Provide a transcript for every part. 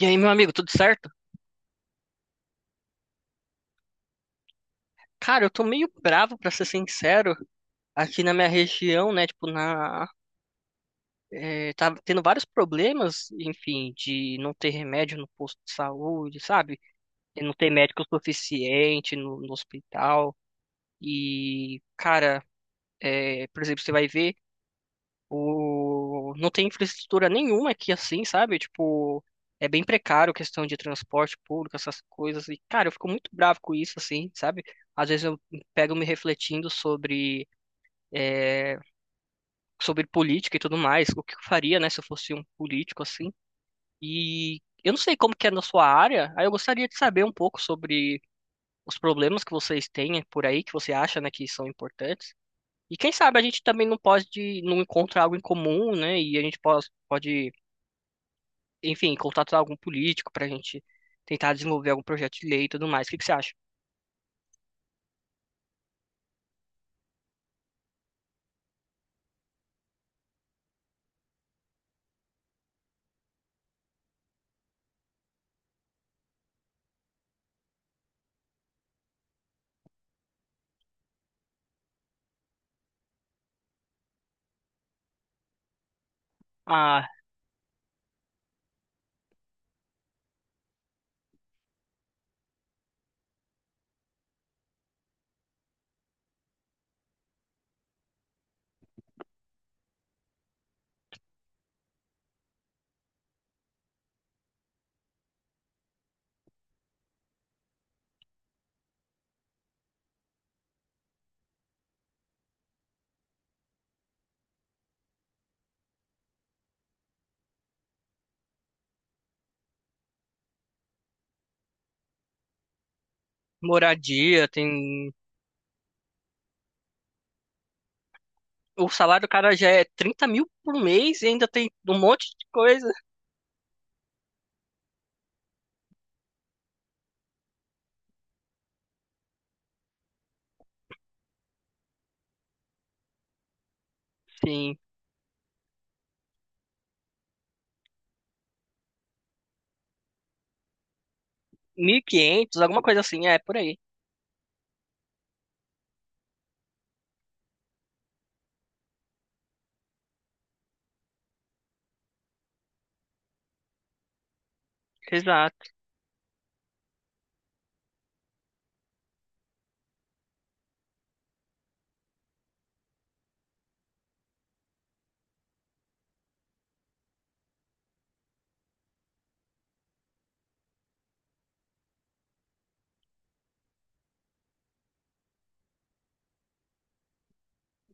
E aí, meu amigo, tudo certo? Cara, eu tô meio bravo, pra ser sincero, aqui na minha região, né? Tipo, tá tendo vários problemas, enfim, de não ter remédio no posto de saúde, sabe? E não ter médico suficiente no hospital. E, cara, por exemplo, você vai ver. Não tem infraestrutura nenhuma aqui assim, sabe? Tipo, é bem precário a questão de transporte público, essas coisas. E, cara, eu fico muito bravo com isso, assim, sabe? Às vezes eu pego me refletindo sobre política e tudo mais, o que eu faria, né, se eu fosse um político, assim. E eu não sei como que é na sua área, aí eu gostaria de saber um pouco sobre os problemas que vocês têm por aí, que você acha, né, que são importantes. E quem sabe a gente também não pode, não encontra algo em comum, né? E a gente pode enfim, contatar algum político para a gente tentar desenvolver algum projeto de lei e tudo mais. O que que você acha? A moradia tem. O salário do cara já é 30 mil por mês e ainda tem um monte de coisa. Sim, 1.500 alguma coisa assim, é por aí. Exato,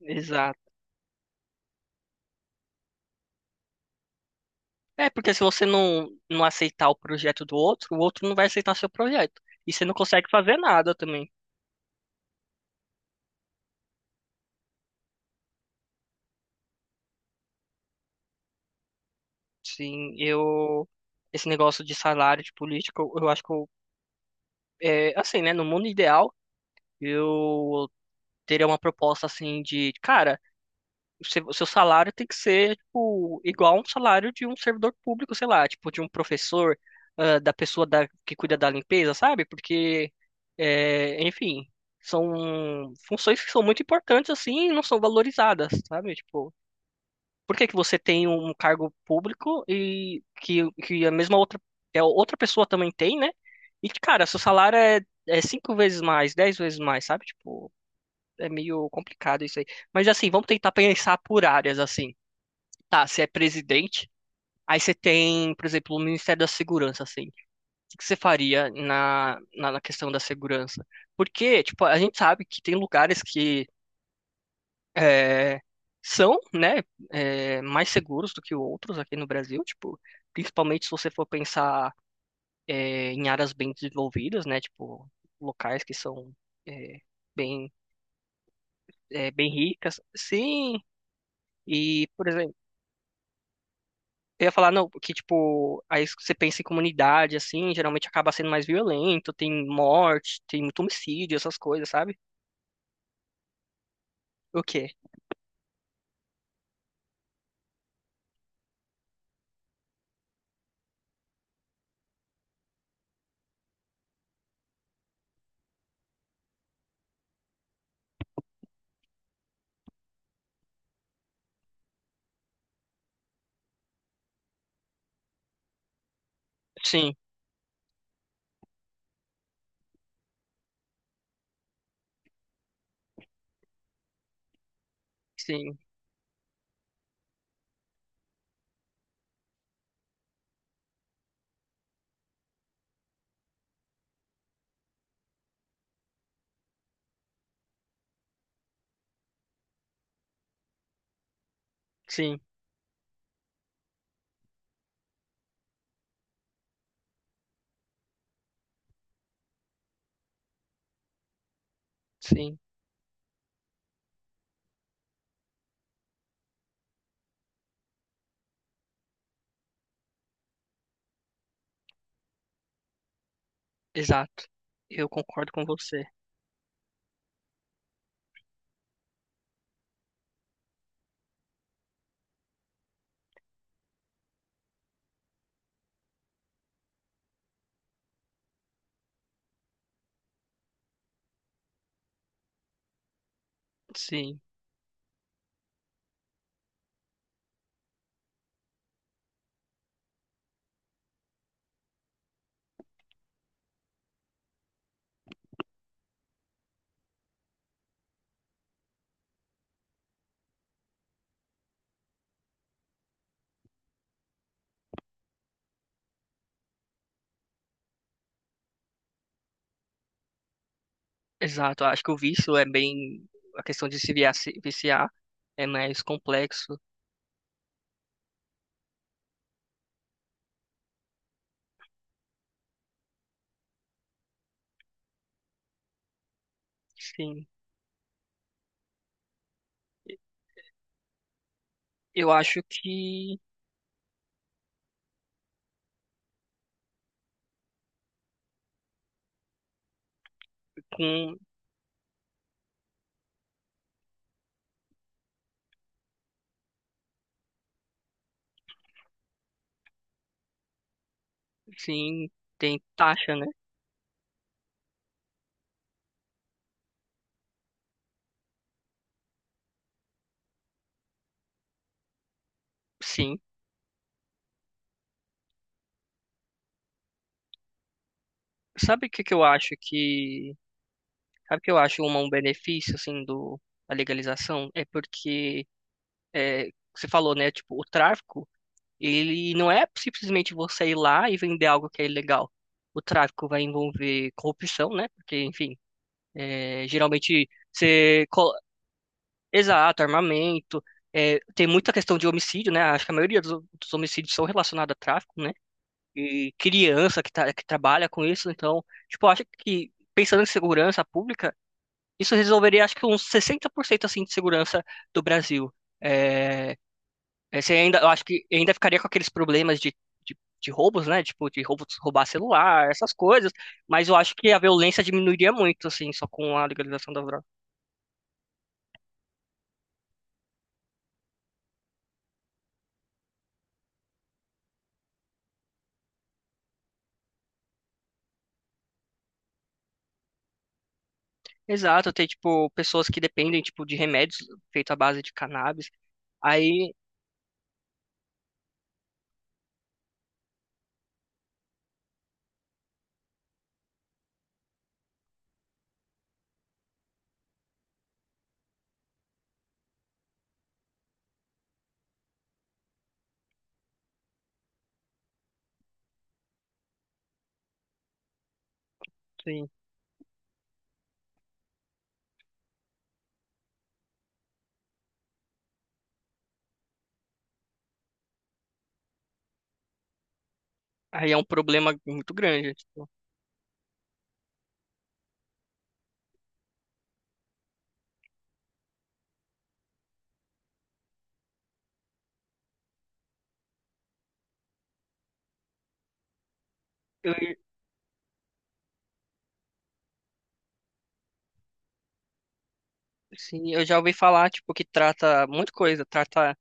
exato. É, porque se você não aceitar o projeto do outro, o outro não vai aceitar seu projeto. E você não consegue fazer nada também. Sim, eu. Esse negócio de salário de político, eu acho que eu. É, assim, né? No mundo ideal, eu teria uma proposta assim de, cara, o seu salário tem que ser tipo, igual a um salário de um servidor público, sei lá, tipo de um professor, ah, da pessoa da, que cuida da limpeza, sabe? Porque, é, enfim, são funções que são muito importantes assim e não são valorizadas, sabe? Tipo, por que que você tem um cargo público e que a mesma outra, que a outra pessoa também tem, né? E, cara, seu salário é cinco vezes mais, 10 vezes mais, sabe? Tipo, é meio complicado isso aí. Mas assim, vamos tentar pensar por áreas, assim. Tá, você é presidente, aí você tem, por exemplo, o Ministério da Segurança, assim. O que você faria na questão da segurança? Porque, tipo, a gente sabe que tem lugares que é, são, né, é, mais seguros do que outros aqui no Brasil, tipo, principalmente se você for pensar é, em áreas bem desenvolvidas, né, tipo, locais que são é, bem, é, bem ricas. Sim, e, por exemplo, eu ia falar, não, que tipo, aí você pensa em comunidade, assim, geralmente acaba sendo mais violento, tem morte, tem muito homicídio, essas coisas, sabe? O quê? Sim, sim, sim, sim, exato. Eu concordo com você. Sim, exato. Acho que o vício é bem. A questão de se via- se viciar é mais complexo. Sim. Eu acho que com. Sim, tem taxa, né? Sim. Sabe o que que eu acho que. Sabe o que eu acho um benefício, assim, do, da legalização? É porque, é, você falou, né, tipo, o tráfico, ele não é simplesmente você ir lá e vender algo que é ilegal. O tráfico vai envolver corrupção, né? Porque, enfim, é, geralmente você. Exato, armamento. É, tem muita questão de homicídio, né? Acho que a maioria dos homicídios são relacionados a tráfico, né? E criança que, tá, que trabalha com isso. Então, tipo, eu acho que pensando em segurança pública, isso resolveria, acho que uns 60% assim de segurança do Brasil. É, é, você ainda, eu acho que ainda ficaria com aqueles problemas de roubos, né? Tipo, de roubos, roubar celular, essas coisas. Mas eu acho que a violência diminuiria muito, assim, só com a legalização da droga. Exato, tem, tipo, pessoas que dependem, tipo, de remédios feitos à base de cannabis. Aí, sim, aí é um problema muito grande. Tipo, eu, sim, eu já ouvi falar, tipo, que trata muita coisa. Trata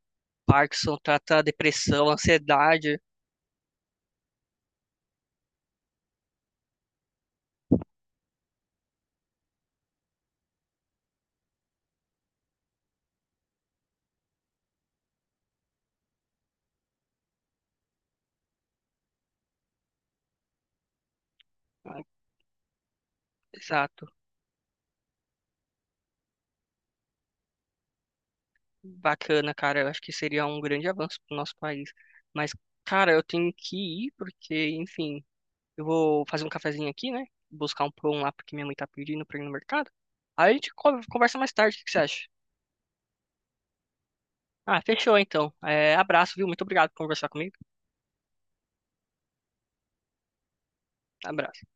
Parkinson, trata depressão, ansiedade. Exato. Bacana, cara. Eu acho que seria um grande avanço para o nosso país. Mas, cara, eu tenho que ir porque, enfim, eu vou fazer um cafezinho aqui, né? Buscar um pão lá porque minha mãe tá pedindo pra ir no mercado. Aí a gente conversa mais tarde, o que que você acha? Ah, fechou então. É, abraço, viu? Muito obrigado por conversar comigo. Abraço.